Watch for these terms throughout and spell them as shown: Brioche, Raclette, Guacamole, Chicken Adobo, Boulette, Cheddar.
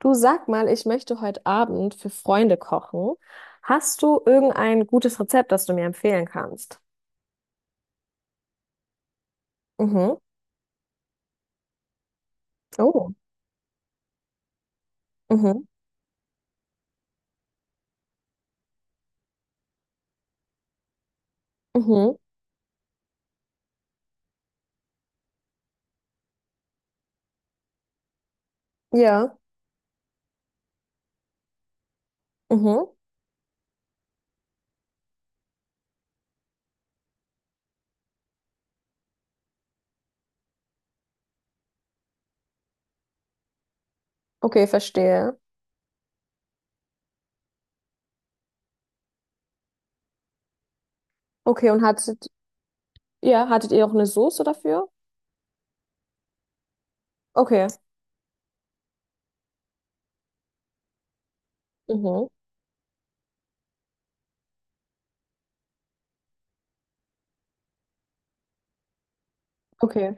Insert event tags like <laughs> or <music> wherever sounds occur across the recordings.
Du, sag mal, ich möchte heute Abend für Freunde kochen. Hast du irgendein gutes Rezept, das du mir empfehlen kannst? Mhm. Oh. Mhm. Mhm. Ja. Mhm. Okay, verstehe. Okay, und hattet, ja, hattet ihr auch eine Soße dafür? Okay. Mhm. Okay.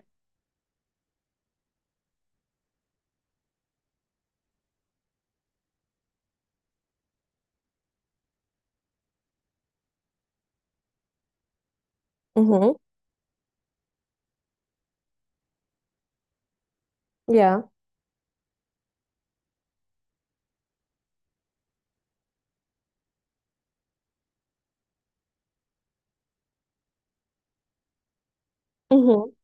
Mhm. Ja. Mhm.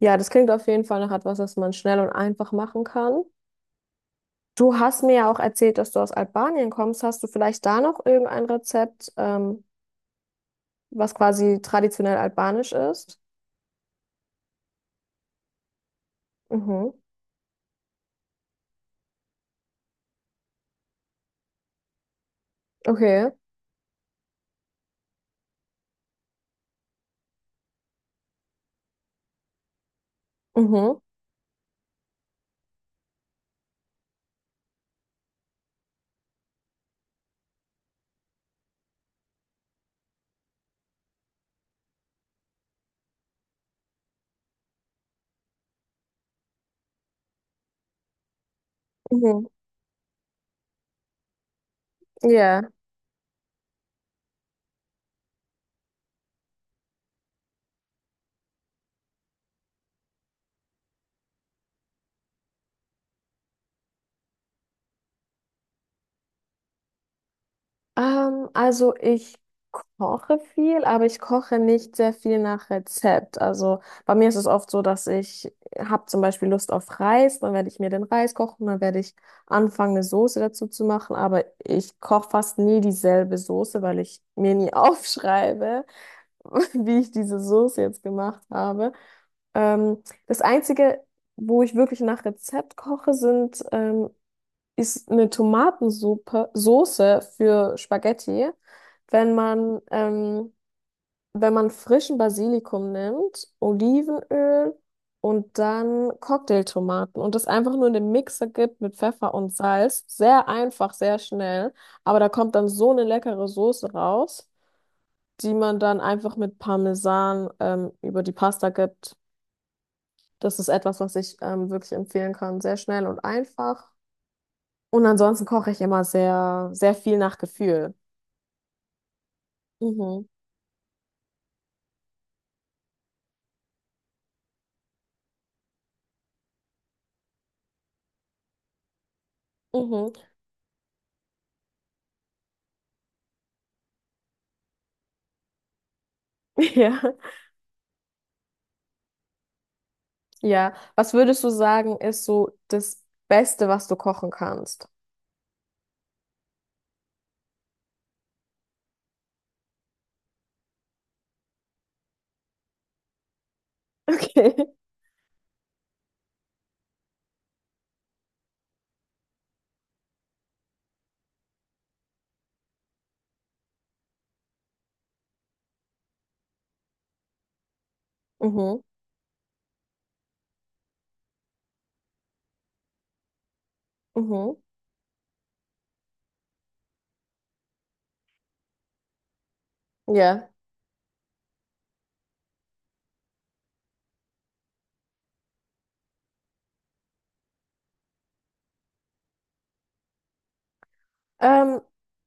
Ja, das klingt auf jeden Fall nach etwas, das man schnell und einfach machen kann. Du hast mir ja auch erzählt, dass du aus Albanien kommst. Hast du vielleicht da noch irgendein Rezept, was quasi traditionell albanisch ist? Mhm. Okay. Mhm. Mhm. Ja. Also ich koche viel, aber ich koche nicht sehr viel nach Rezept. Also bei mir ist es oft so, dass ich habe zum Beispiel Lust auf Reis, dann werde ich mir den Reis kochen, dann werde ich anfangen, eine Soße dazu zu machen, aber ich koche fast nie dieselbe Soße, weil ich mir nie <laughs> aufschreibe, <laughs> wie ich diese Soße jetzt gemacht habe. Das Einzige, wo ich wirklich nach Rezept koche, sind ist eine Tomatensuppe, Soße für Spaghetti, wenn man, wenn man frischen Basilikum nimmt, Olivenöl und dann Cocktailtomaten und das einfach nur in den Mixer gibt mit Pfeffer und Salz. Sehr einfach, sehr schnell, aber da kommt dann so eine leckere Soße raus, die man dann einfach mit Parmesan, über die Pasta gibt. Das ist etwas, was ich, wirklich empfehlen kann. Sehr schnell und einfach. Und ansonsten koche ich immer sehr, sehr viel nach Gefühl. Mhm. Mhm. <laughs> Ja. Ja. Was würdest du sagen, ist so das Beste, was du kochen kannst? <laughs> Okay. Mhm. Mhm. Ja. Ähm,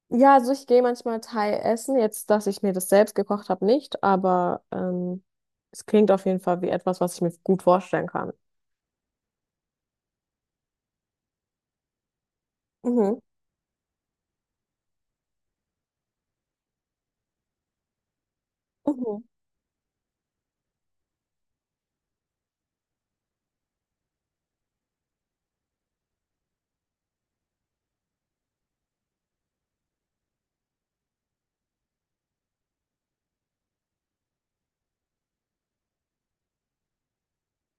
ja, also ich gehe manchmal Thai essen. Jetzt, dass ich mir das selbst gekocht habe, nicht, aber es klingt auf jeden Fall wie etwas, was ich mir gut vorstellen kann. Mhm. Mhm.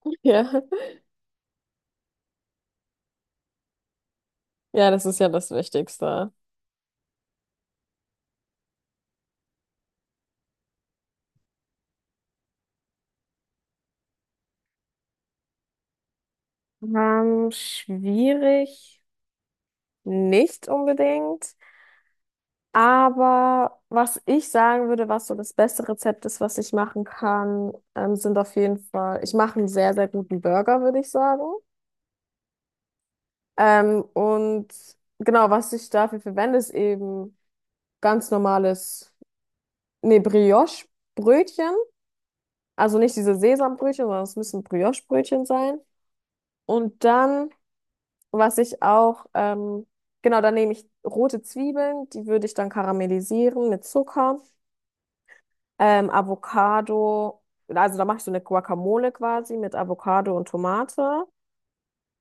<laughs> Ja. Ja, das ist ja das Wichtigste. Schwierig, nicht unbedingt. Aber was ich sagen würde, was so das beste Rezept ist, was ich machen kann, sind auf jeden Fall, ich mache einen sehr, sehr guten Burger, würde ich sagen. Und genau, was ich dafür verwende, ist eben ganz normales, nee, Brioche-Brötchen. Also nicht diese Sesambrötchen, sondern es müssen Brioche-Brötchen sein. Und dann, was ich auch, genau, dann nehme ich rote Zwiebeln, die würde ich dann karamellisieren mit Zucker. Avocado, also da mache ich so eine Guacamole quasi mit Avocado und Tomate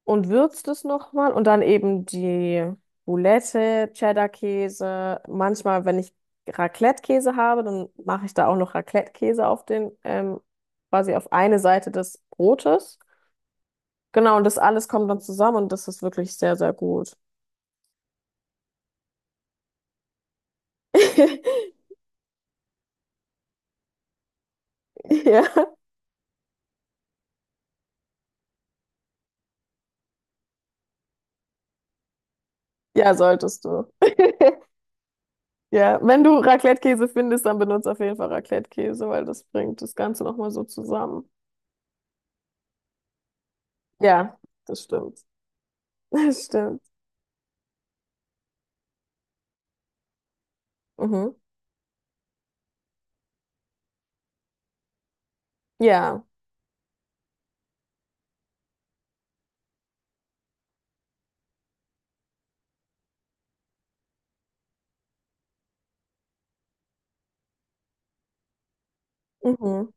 und würzt es nochmal und dann eben die Boulette, Cheddar-Käse. Manchmal, wenn ich Raclette-Käse habe, dann mache ich da auch noch Raclette-Käse auf den, quasi auf eine Seite des Brotes. Genau, und das alles kommt dann zusammen und das ist wirklich sehr, sehr gut. <laughs> Ja, ja, solltest du. <laughs> Ja, wenn du Raclette-Käse findest, dann benutzt auf jeden Fall Raclette-Käse, weil das bringt das Ganze nochmal so zusammen. Ja, das stimmt. <laughs> Das stimmt. Mhm. Ja. Mhm.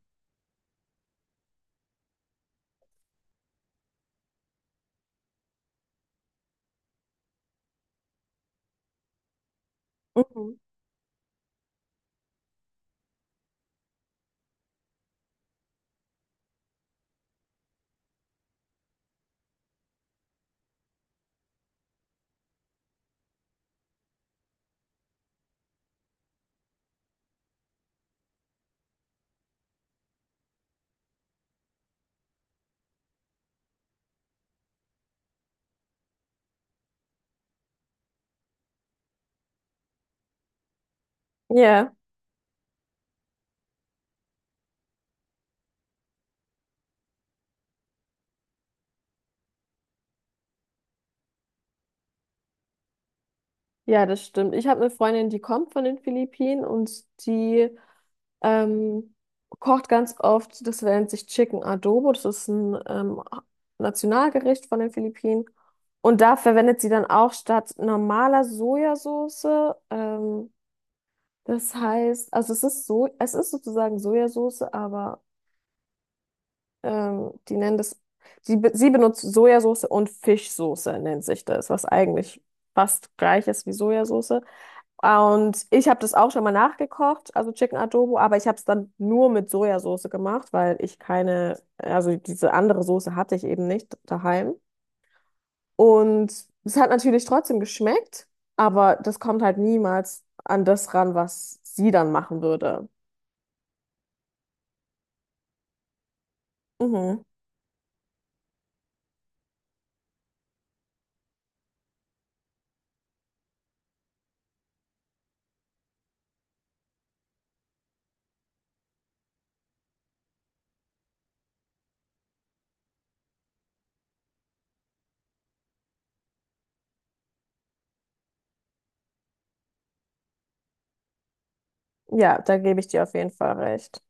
Mhm. Ja. Ja, das stimmt. Ich habe eine Freundin, die kommt von den Philippinen und die ähm, kocht ganz oft, das nennt sich Chicken Adobo. Das ist ein Nationalgericht von den Philippinen. Und da verwendet sie dann auch statt normaler Sojasauce ähm, das heißt, also es ist so, es ist sozusagen Sojasauce, aber die nennen das, sie benutzt Sojasauce und Fischsoße nennt sich das, was eigentlich fast gleich ist wie Sojasauce. Und ich habe das auch schon mal nachgekocht, also Chicken Adobo, aber ich habe es dann nur mit Sojasauce gemacht, weil ich keine, also diese andere Soße hatte ich eben nicht daheim. Und es hat natürlich trotzdem geschmeckt, aber das kommt halt niemals an das ran, was sie dann machen würde. Mhm. Ja, da gebe ich dir auf jeden Fall recht.